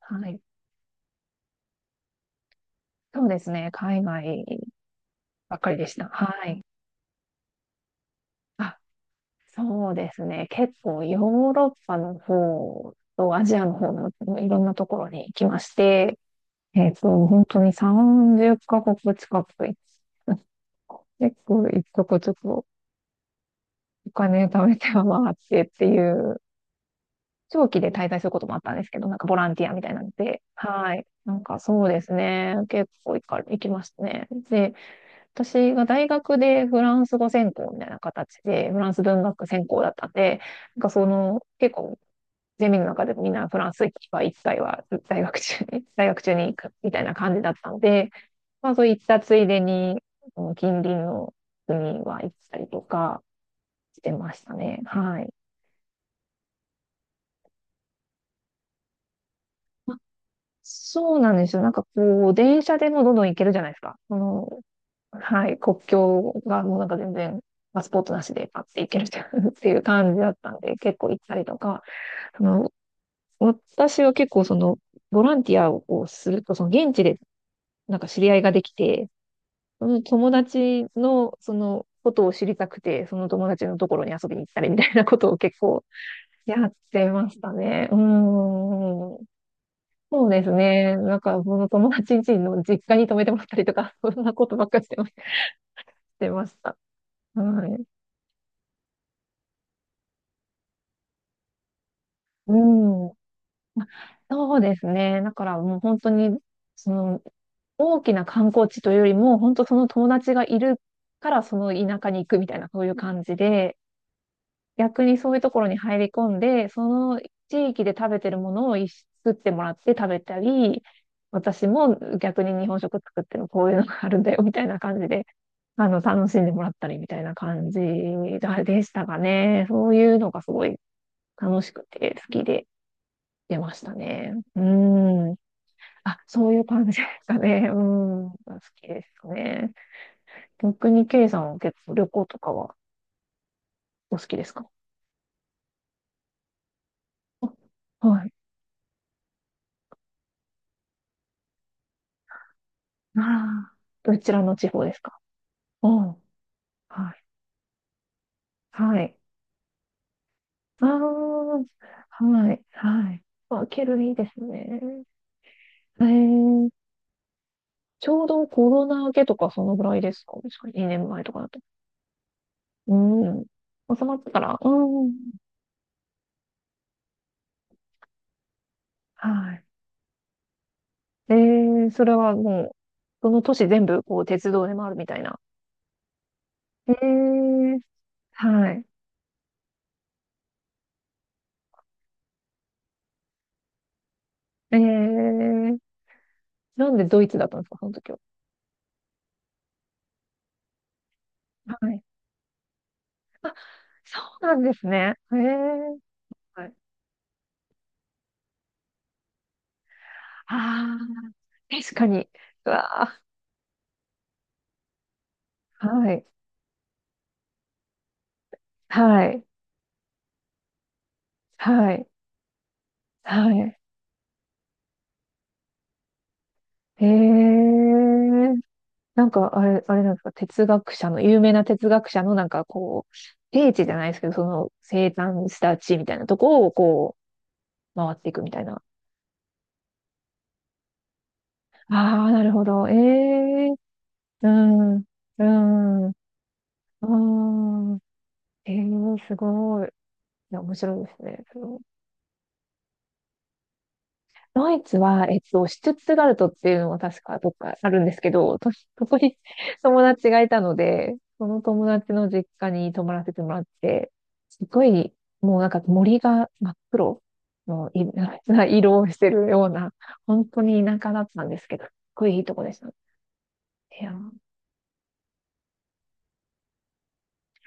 はい。そうですね。海外ばっかりでした。はい。あ、そうですね。結構ヨーロッパの方とアジアの方のいろんなところに行きまして、本当に30カ国近く行って、結構一とこちょっとお金貯めては回ってっていう、長期で滞在することもあったんですけど、なんかボランティアみたいなので、はい。なんかそうですね。結構行きましたね。で、私が大学でフランス語専攻みたいな形で、フランス文学専攻だったんで、なんかその、結構、ゼミの中でもみんなフランスは一回は大学中に、大学中に行くみたいな感じだったので、まあそういったついでに、その近隣の国は行ったりとかしてましたね。はい。そうなんですよ。なんかこう、電車でもどんどん行けるじゃないですか。そのはい、国境がもうなんか全然パスポートなしでパッて行けるっていう っていう感じだったんで、結構行ったりとか、その、私は結構その、ボランティアをすると、その現地でなんか知り合いができて、その友達のそのことを知りたくて、その友達のところに遊びに行ったりみたいなことを結構 やってましたね。うーん。そうですね。なんか、その友達ん家の実家に泊めてもらったりとか、そんなことばっかりしてました。はい。うん。そうですね。だからもう本当に、その大きな観光地というよりも、本当その友達がいるからその田舎に行くみたいな、そういう感じで、逆にそういうところに入り込んで、その地域で食べてるものを一緒に作ってもらって食べたり、私も逆に日本食作ってるこういうのがあるんだよみたいな感じで、あの、楽しんでもらったりみたいな感じでしたかね。そういうのがすごい楽しくて好きで出ましたね。うん。あ、そういう感じですかね。うん。好きですね。逆に、ケイさんは結構旅行とかはお好きですか？あ、はい。ああ、どちらの地方ですか？うん。はい。はい。ああ、はい。はい。あ、ケルいいですね。えー、ちょうどコロナ明けとかそのぐらいですか？確か2年前とかだと。うん。収まってから。うん。はい。えー、それはもう、その都市全部こう鉄道で回るみたいな。ええ、はい。ええ、なんでドイツだったんですか、その時は。はい。そうなんですね。ええ、はい。ああ、確かに。うわあ、はい。はい。はい。はい。ええ、なんか、あれ、あれなんですか、哲学者の、有名な哲学者の、なんかこう、聖地じゃないですけど、その生誕した地みたいなとこを、こう、回っていくみたいな。ああ、なるほど。ええ、うん。うん。ああ、えー、すごい。いや、面白いですね。その、ドイツは、シュツットガルトっていうのは確かどっかあるんですけど、と、そこに 友達がいたので、その友達の実家に泊まらせてもらって、すごい、もうなんか森が真っ黒のい な色をしてるような、本当に田舎だったんですけど、すっごいいいとこでした。いやー、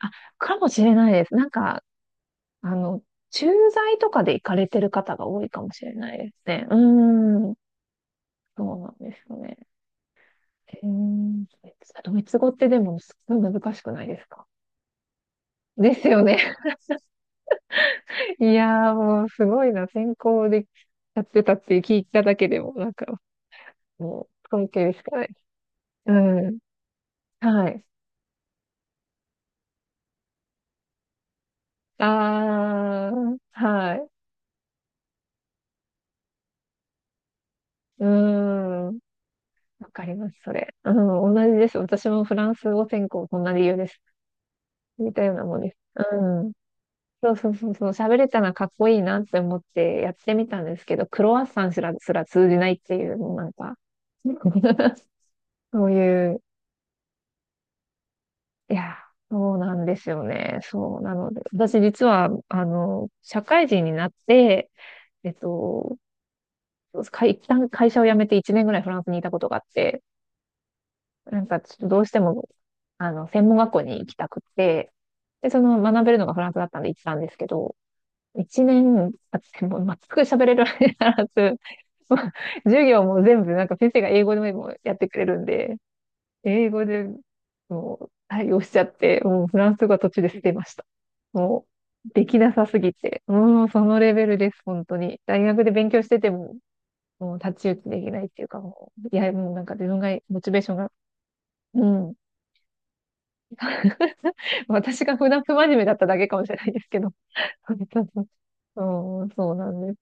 あ、かもしれないです。なんか、あの、駐在とかで行かれてる方が多いかもしれないですね。うーん。そうなんですよね。えー、ドイツ語ってでもすごい難しくないですか？ですよね。いやーもうすごいな。専攻でやってたって聞いただけでも、なんかもう尊敬しかない。うん。はい。あー、はい。うーん。わかります、それ。うん、同じです。私もフランス語専攻、そんな理由です。みたいなもんです。うん。そうそうそうそう、喋れたらかっこいいなって思ってやってみたんですけど、クロワッサンすら通じないっていう、もうなんか、そういう、いや、そうなんですよね。そう、なので、私実は、あの、社会人になって、えっと、一旦会社を辞めて1年ぐらいフランスにいたことがあって、なんかちょっとどうしても、あの、専門学校に行きたくって、で、その学べるのがフランスだったんで行ったんですけど、一年経っても全く喋れるわけにならず、もう授業も全部なんか先生が英語でもやってくれるんで、英語でもう対応しちゃって、もうフランス語は途中で捨てました。もうできなさすぎて、もうそのレベルです、本当に。大学で勉強してても、もう太刀打ちできないっていうか、もう、いや、もうなんか自分が、モチベーションが、うん。私が普段不真面目だっただけかもしれないですけど。そうそう、うん、そうなんです。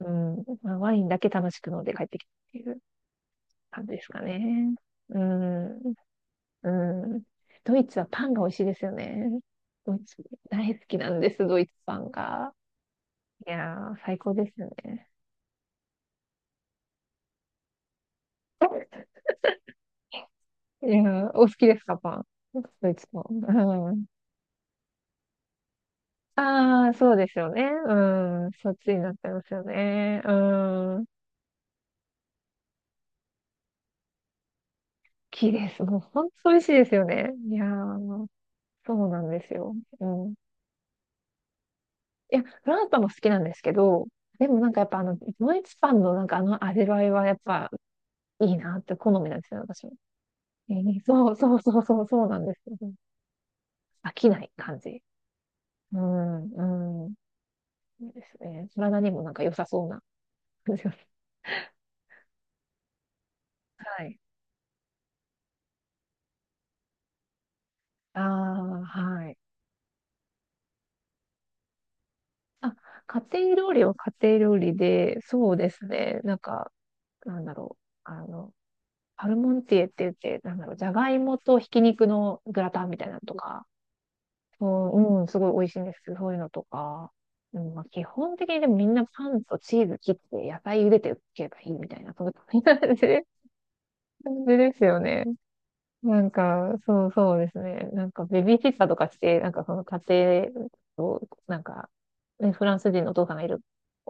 うん、まあ、ワインだけ楽しく飲んで帰ってきたっていう感じですかね。うん、うん。ドイツはパンが美味しいですよね。ドイツ大好きなんです、ドイツパンが。いやー、最高ですよね。いやー、お好きですか、パン。ドイツパン。うん、ああ、そうですよね。うん、そっちになってますよね。うん、好きです。もう本当美味しいですよね。いやー、そうなんですよ。うん。いや、フランスパンも好きなんですけど、でもなんかやっぱあの、ドイツパンのなんかあの味わいはやっぱいいなって好みなんですよ、私も。えー、そうそうそうそう、そうなんですよ。飽きない感じ。うん、うん。そうですね。体にもなんか良さそうな感じが。はい。ああ、はい。あ、家庭料理は家庭料理で、そうですね。なんか、なんだろう。あの、パルモンティエって言って、なんだろう、じゃがいもとひき肉のグラタンみたいなのとか、うん、うん、すごい美味しいんです。そういうのとか。うん、まあ、基本的にでもみんなパンとチーズ切って野菜茹でておけばいいみたいな、そんな感じですよね。なんか、そうそうですね。なんかベビーシッターとかして、なんかその家庭を、なんか、ね、フランス人のお父さんがいる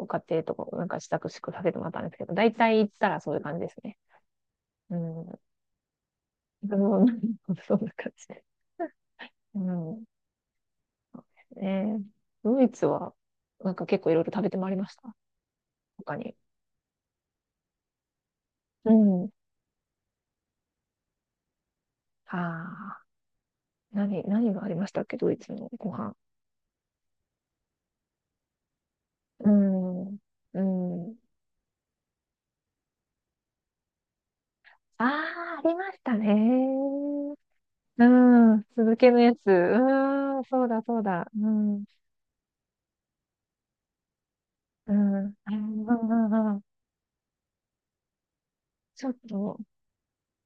家庭とかをなんか支度宿させてもらったんですけど、大体行ったらそういう感じですね。うん。でも そんな感じで。うん。ねえ、ドイツは、なんか結構いろいろ食べてまいりました。他に。うん。ああ、何がありましたっけ、ドイツのご飯。うん。うん。ああ、ありましたね。うん。続けのやつ。うん。そうだ、そうだ。うん。うん。うんうんうんうん、ちょっと、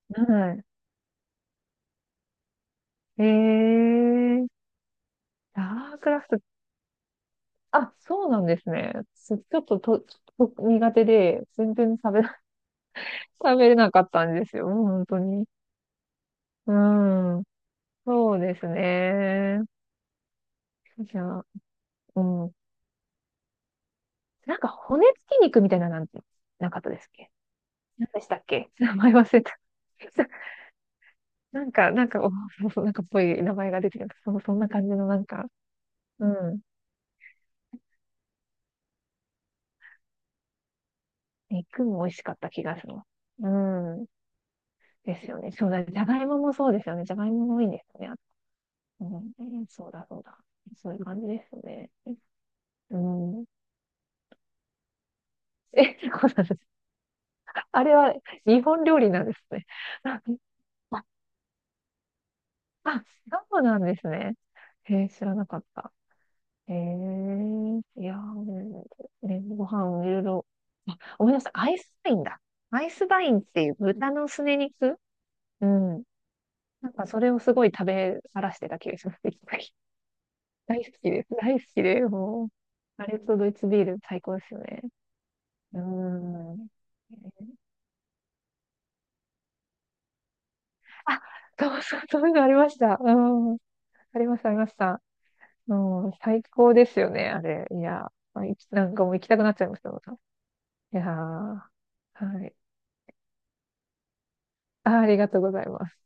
はい。ええー、ダークラフト。あ、そうなんですね。す、ちょっとと、ちょっと苦手で、全然食べ、食べれなかったんですよ。本当に。うん。そうですね。じゃあ、うん。なんか骨付き肉みたいななんてなかったですっけ？何でしたっけ？ 名前忘れた。なんか、お、そうそう、 なんかっぽい名前が出てきた。そう、そんな感じのなんか、うん。肉も美味しかった気がする。うん。ですよね。そうだ。じゃがいももそうですよね。じゃがいももいいんですよね。うん。そうだ、そうだ。そういう感じですよね。うん。え、そうなんです。あれは日本料理なんですね。あ、あ、そうなんですね。へえ、知らなかった。ええ、いやー、ね、ご飯いろいろ。あ、ごめんなさい。アイスバインだ。アイスバインっていう豚のすね肉。うん。なんかそれをすごい食べらしてた気がします。一回大好きです。大好きで、もう。あれとドイツビール最高ですよね。うん。あ、そうそう、そういうのありました。うん。ありました、ありました。うん、最高ですよね、あれ。いや、い、なんかもう行きたくなっちゃいました、また。いやー、はい。あ、ありがとうございます。